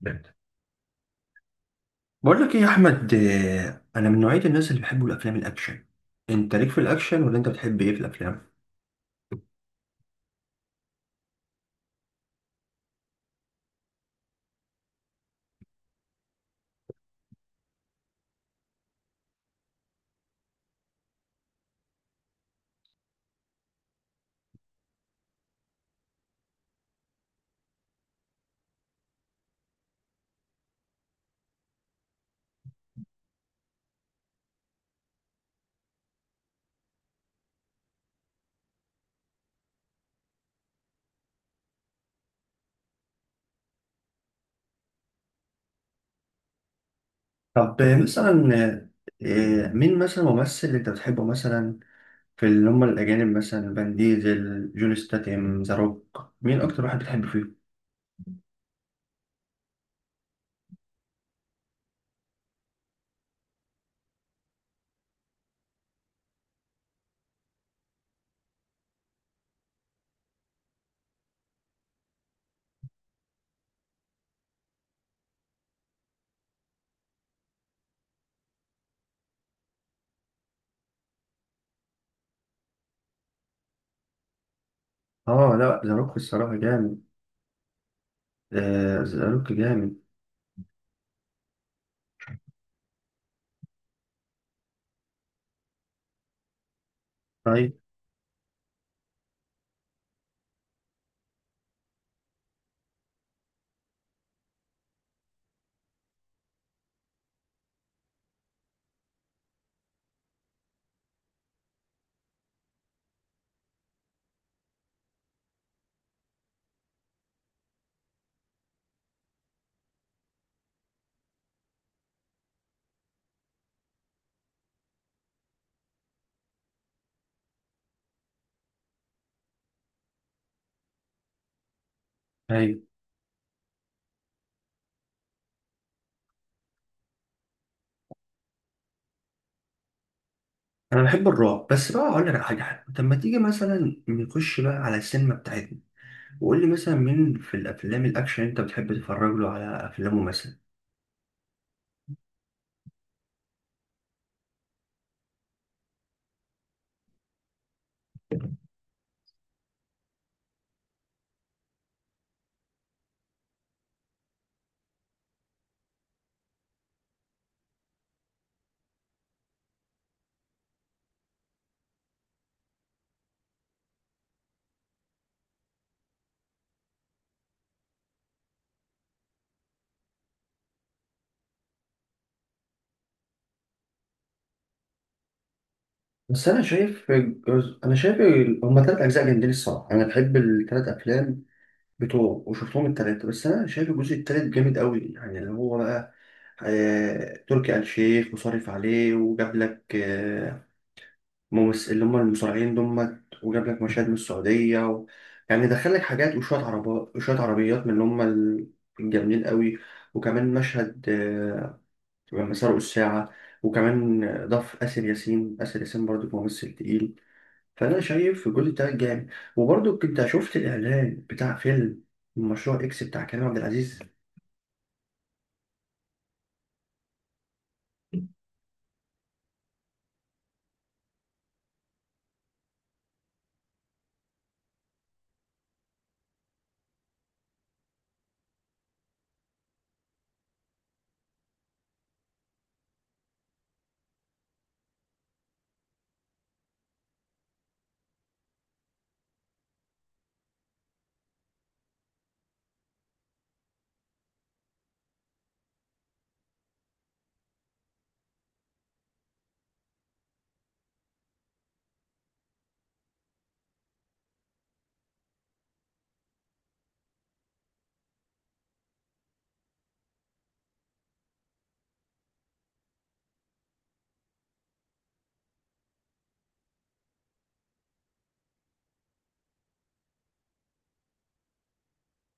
جامد. بقول لك ايه يا احمد، انا من نوعيه الناس اللي بيحبوا الافلام الاكشن. انت ليك في الاكشن ولا انت بتحب ايه في الافلام؟ طب مثلا مين مثلا ممثل انت بتحبه مثلا؟ في اللي هم الأجانب مثلا فان ديزل، جون ستاتيم، ذا روك، مين أكتر واحد بتحب فيهم؟ لا، ذا روك الصراحة جامد. ذا روك جامد. طيب. أيوة. أنا بحب الرعب، بس بقى أقول لك على حاجة حلوة. طب ما تيجي مثلا نخش بقى على السينما بتاعتنا، وقول لي مثلا مين في الأفلام الأكشن أنت بتحب تتفرج له على أفلامه مثلا. بس أنا شايف أنا شايف هما تلات أجزاء جامدين الصراحة، أنا بحب التلات أفلام بتوعه وشفتهم التلاتة. بس أنا شايف الجزء التالت جامد أوي، يعني اللي هو بقى تركي آل الشيخ مصرف عليه وجاب لك اللي هم المصارعين دمت، وجاب لك مشاهد من السعودية يعني دخل لك حاجات وشوية عربات وشوية عربيات من اللي هم الجامدين قوي. وكمان مشهد لما سرقوا الساعة. وكمان ضاف آسر ياسين، آسر ياسين برضو ممثل تقيل، فأنا شايف الجزء ده جامد. وبرضو كنت شفت الإعلان بتاع فيلم مشروع إكس بتاع كريم عبد العزيز.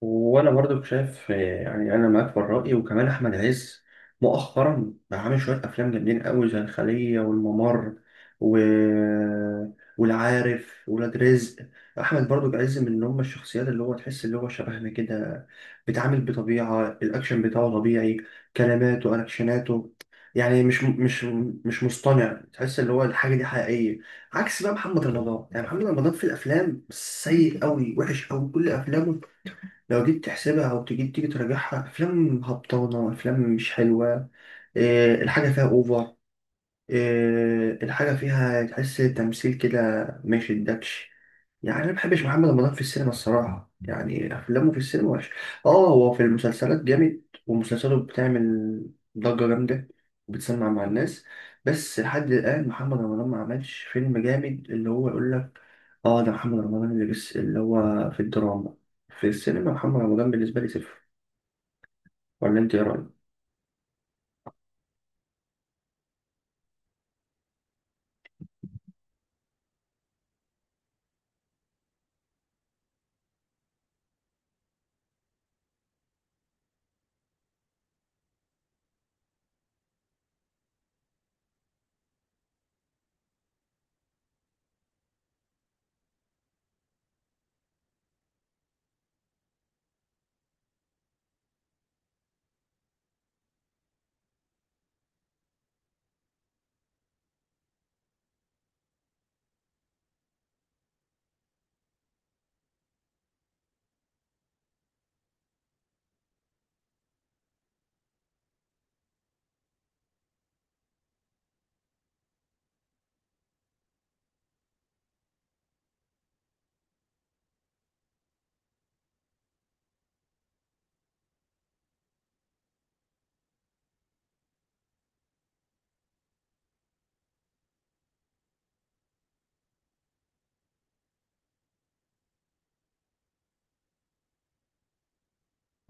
وانا برضو شايف، يعني انا معاك في الراي. وكمان احمد عز مؤخرا بقى عامل شويه افلام جامدين قوي، زي الخليه والممر و... والعارف ولاد رزق. احمد برضو عز من هم الشخصيات اللي هو تحس اللي هو شبهنا كده، بيتعامل بطبيعه الاكشن بتاعه طبيعي، كلماته اكشناته، يعني مش مصطنع، تحس اللي هو الحاجه دي حقيقيه. عكس بقى محمد رمضان، يعني محمد رمضان في الافلام سيء قوي، وحش قوي كل افلامه. لو جيت تحسبها او تيجي تراجعها، افلام هبطانه، افلام مش حلوه. إيه الحاجه فيها اوفر؟ إيه الحاجه فيها تحس تمثيل كده؟ ما يشدكش. يعني انا ما بحبش محمد رمضان في السينما الصراحه، يعني افلامه في السينما وحش. اه هو في المسلسلات جامد، ومسلسلاته بتعمل ضجه جامده وبتسمع مع الناس. بس لحد الان محمد رمضان ما عملش فيلم جامد اللي هو يقول لك اه ده محمد رمضان. اللي بس اللي هو في الدراما. في السينما محمد رمضان بالنسبة لي صفر. ولا انت ايه رأيك؟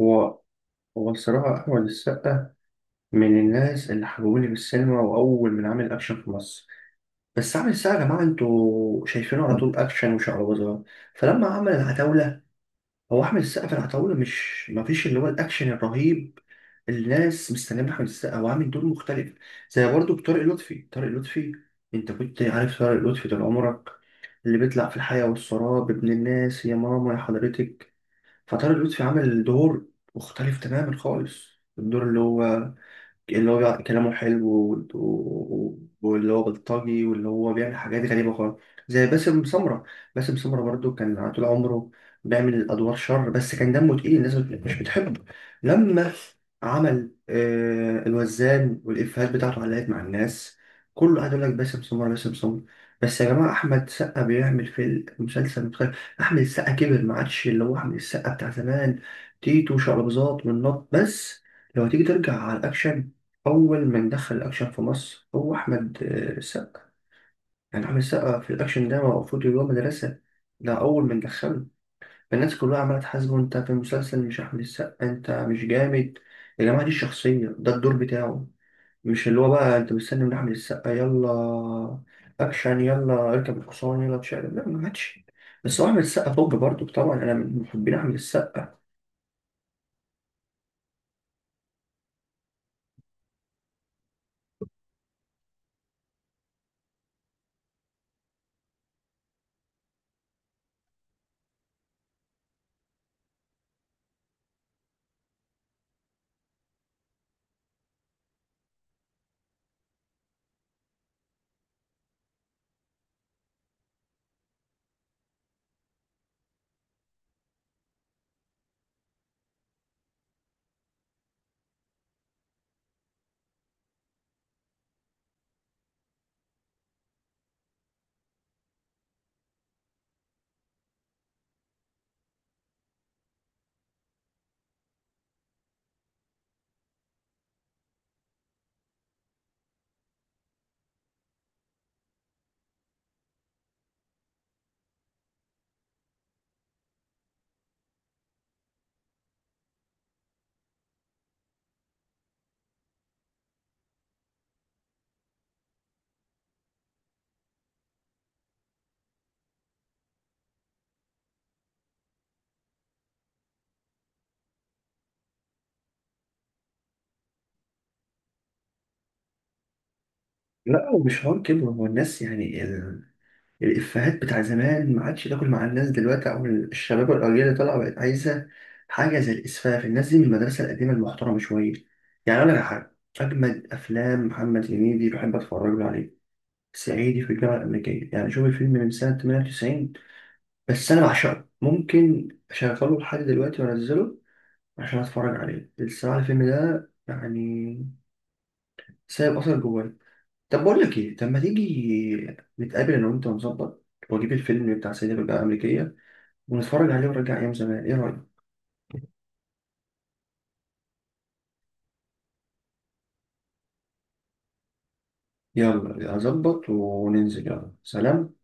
هو هو الصراحة أحمد السقا من الناس اللي حببوني بالسينما، وأول من عامل أكشن في مصر. بس عامل السقا يا جماعة، انتوا شايفينه على طول أكشن وشعوذة. فلما عمل العتاولة، هو أحمد السقا في العتاولة مش مفيش اللي هو الأكشن الرهيب اللي الناس مستنياه من أحمد السقا، هو عامل دور مختلف. زي برضه بطارق لطفي طارق لطفي، أنت كنت عارف طارق لطفي طول عمرك اللي بيطلع في الحياة والسراب ابن الناس يا ماما يا حضرتك. فطارق لطفي عمل دور مختلف تماما خالص، الدور اللي هو كلامه حلو واللي هو بلطجي واللي هو بيعمل حاجات غريبة خالص. زي باسم سمرة، باسم سمرة برضو كان طول عمره بيعمل أدوار شر، بس كان دمه تقيل الناس مش بتحبه. لما عمل الوزان والإفيهات بتاعته علقت مع الناس، كله قاعد يقول لك باسم سمرة، باسم سمرة. بس يا جماعة أحمد سقا بيعمل في المسلسل، متخيل؟ أحمد السقا كبر، ما عادش اللي هو أحمد السقا بتاع زمان، تيتو شعر بزاط والنط بس. لو تيجي ترجع على الأكشن، أول من دخل الأكشن في مصر هو أحمد السقا. يعني أحمد السقا في الأكشن ده المفروض اللي هو مدرسة، ده أول من دخله. الناس كلها عمالة تحاسبه: أنت في المسلسل مش أحمد السقا، أنت مش جامد. يا جماعة دي الشخصية، ده الدور بتاعه، مش اللي هو بقى أنت مستني من أحمد السقا يلا أكشن يلا اركب الحصان يلا تشقلب. لا، ما عادش. بس هو أحمد السقا توب برضه، طبعا أنا من محبين أحمد السقا. لا ومش حوار كده، هو الناس يعني الإفيهات بتاع زمان ما عادش تاكل مع الناس دلوقتي، أو الشباب والأجيال اللي طالعة بقت عايزة حاجة زي الإسفاف. الناس دي من المدرسة القديمة المحترمة شوية. يعني أقول لك على حاجة، أجمد أفلام محمد هنيدي بحب أتفرج له عليه صعيدي في الجامعة الأمريكية. يعني شوف الفيلم من سنة 98، بس أنا بعشقه ممكن أشغله لحد دلوقتي وأنزله عشان أتفرج عليه الصراحة. الفيلم ده يعني سايب أثر جوايا. طب بقول لك إيه، طب ما تيجي نتقابل أنا وأنت ونظبط وأجيب الفيلم بتاع صعيدي في الجامعة الأمريكية ونتفرج عليه ونرجع أيام زمان، إيه رأيك؟ يلا أظبط وننزل، يلا سلام.